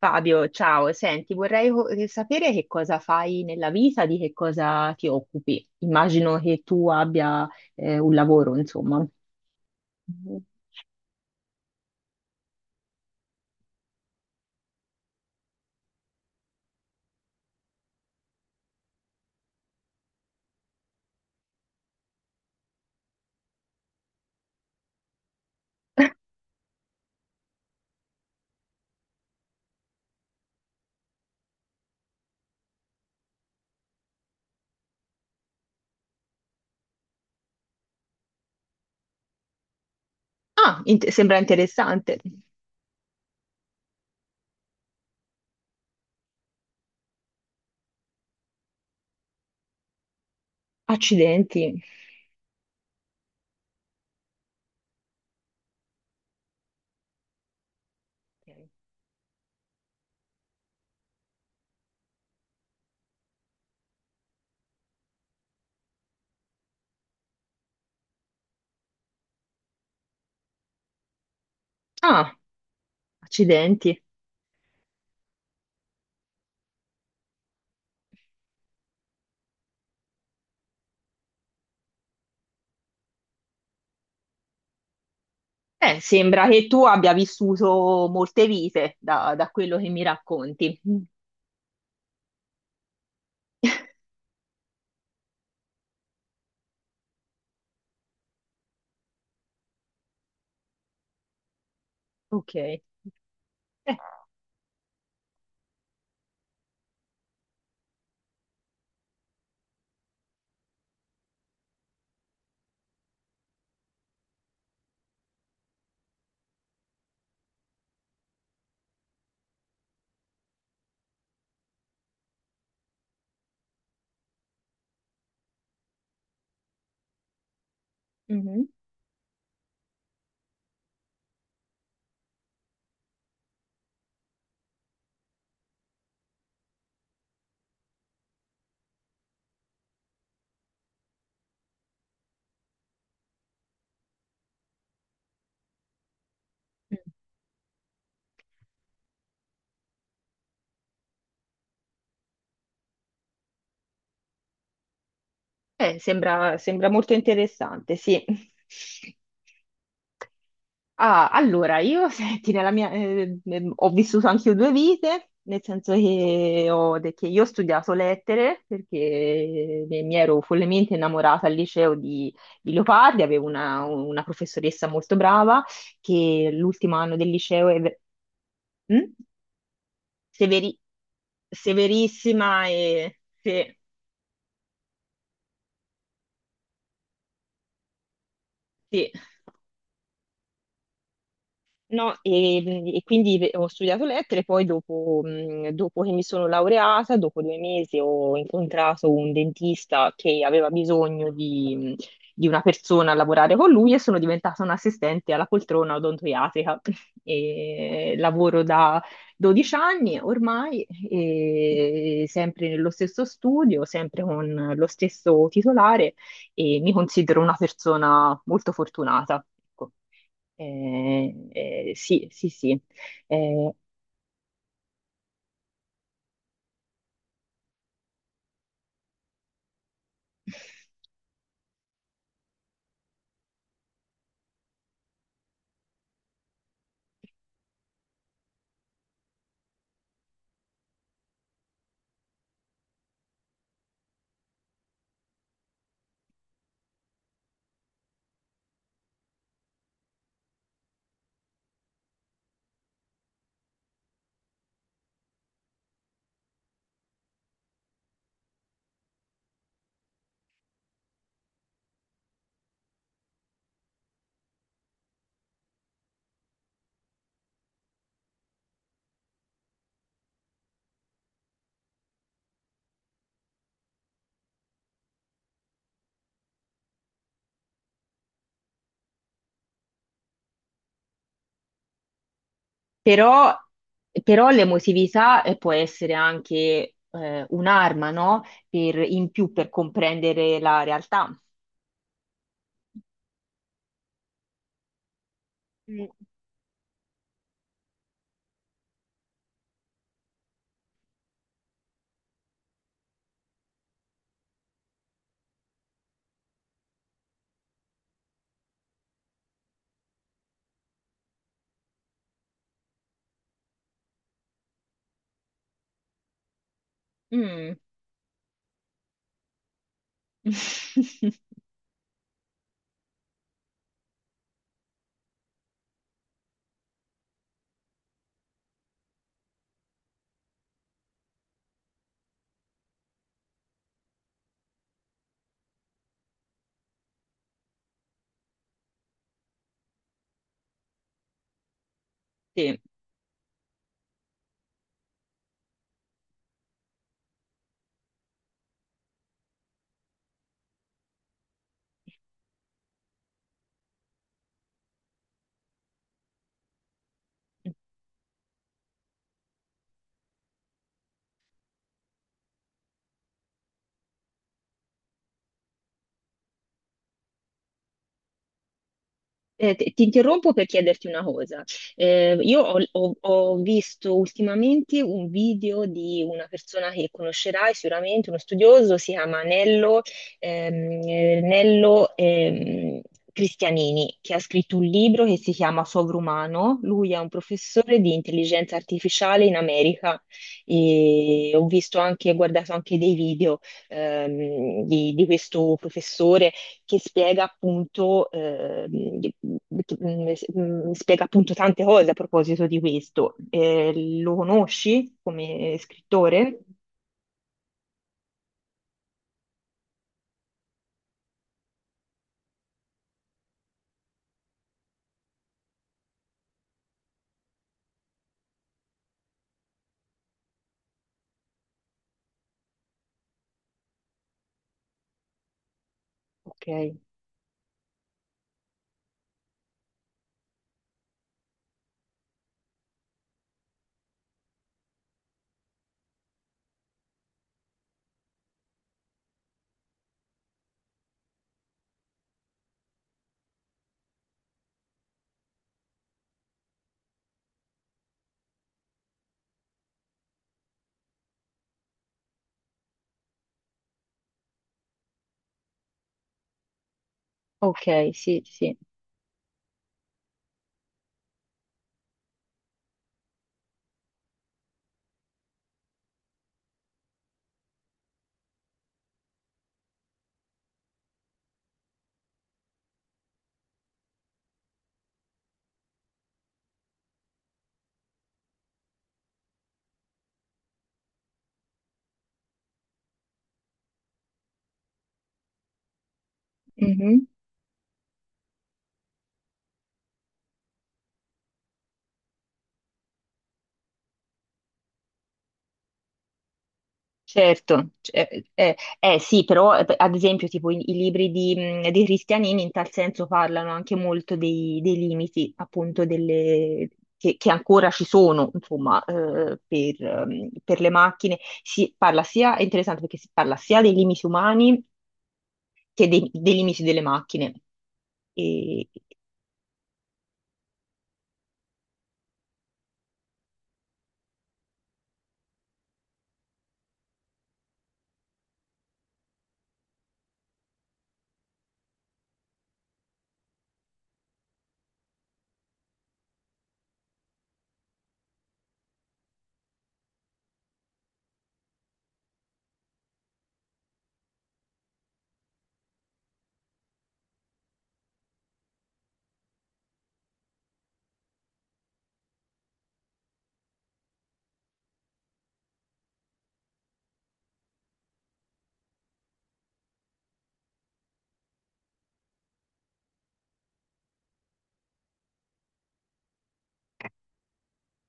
Fabio, ciao, senti, vorrei sapere che cosa fai nella vita, di che cosa ti occupi. Immagino che tu abbia un lavoro, insomma. Mhm. Ah, sembra interessante. Accidenti. Ah, accidenti. Sembra che tu abbia vissuto molte vite da, da quello che mi racconti. Mm, ok. Mhm. Sembra, sembra molto interessante, sì. Ah, allora, io, senti, nella mia, ho vissuto anche io due vite, nel senso che, io ho studiato lettere perché mi ero follemente innamorata al liceo di Leopardi, avevo una professoressa molto brava che l'ultimo anno del liceo Mm? Severi- severissima e... Sì, sì. No, e quindi ho studiato lettere, poi dopo, dopo che mi sono laureata, dopo due mesi ho incontrato un dentista che aveva bisogno di una persona a lavorare con lui e sono diventata un'assistente alla poltrona odontoiatrica. E lavoro da 12 anni ormai, e sempre nello stesso studio, sempre con lo stesso titolare e mi considero una persona molto fortunata. Ecco. Sì, sì, sì. Eh, però, però l'emotività può essere anche un'arma, no? Per, in più per comprendere la realtà. Mm. Mm. Sì. Ti interrompo per chiederti una cosa. Io ho, ho visto ultimamente un video di una persona che conoscerai sicuramente, uno studioso, si chiama Nello, ehm, Nello, Cristianini, che ha scritto un libro che si chiama Sovrumano. Lui è un professore di intelligenza artificiale in America e ho visto anche, ho guardato anche dei video di questo professore che spiega appunto, che- spiega appunto tante cose a proposito di questo. Lo conosci come scrittore? Ok, ok, sì, sì. Certo, sì, però ad esempio tipo i, i libri di Cristianini in tal senso parlano anche molto dei, che ancora ci sono insomma per le macchine. Si parla sia, è interessante perché si parla sia dei limiti umani che dei, dei limiti delle macchine. E-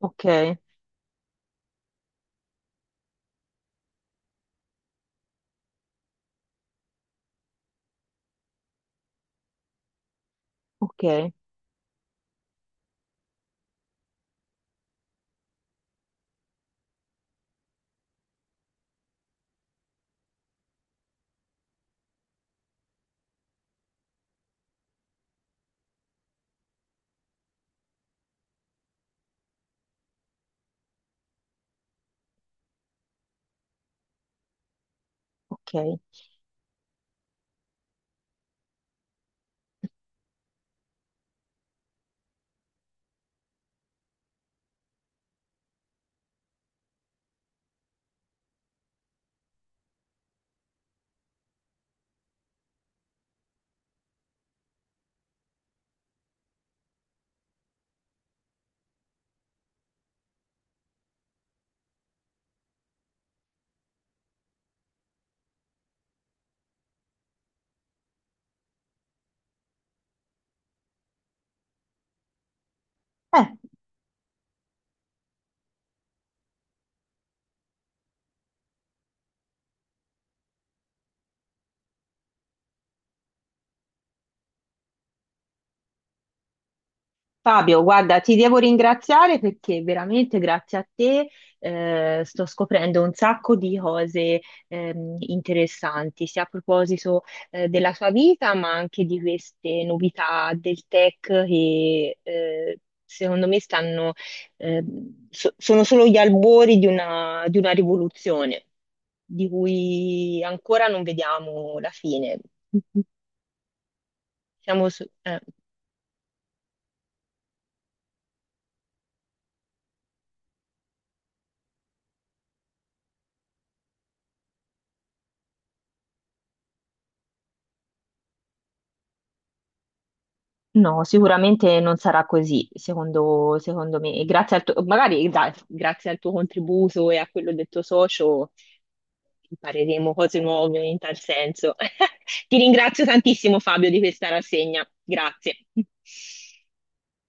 ok, ok, ok. Eh, Fabio, guarda, ti devo ringraziare perché veramente grazie a te sto scoprendo un sacco di cose interessanti, sia a proposito della tua vita, ma anche di queste novità del tech che secondo me stanno, sono solo gli albori di una rivoluzione di cui ancora non vediamo la fine. Siamo su- eh. No, sicuramente non sarà così, secondo, secondo me. E grazie al tuo, magari dai, grazie al tuo contributo e a quello del tuo socio impareremo cose nuove in tal senso. Ti ringrazio tantissimo, Fabio, di questa rassegna. Grazie.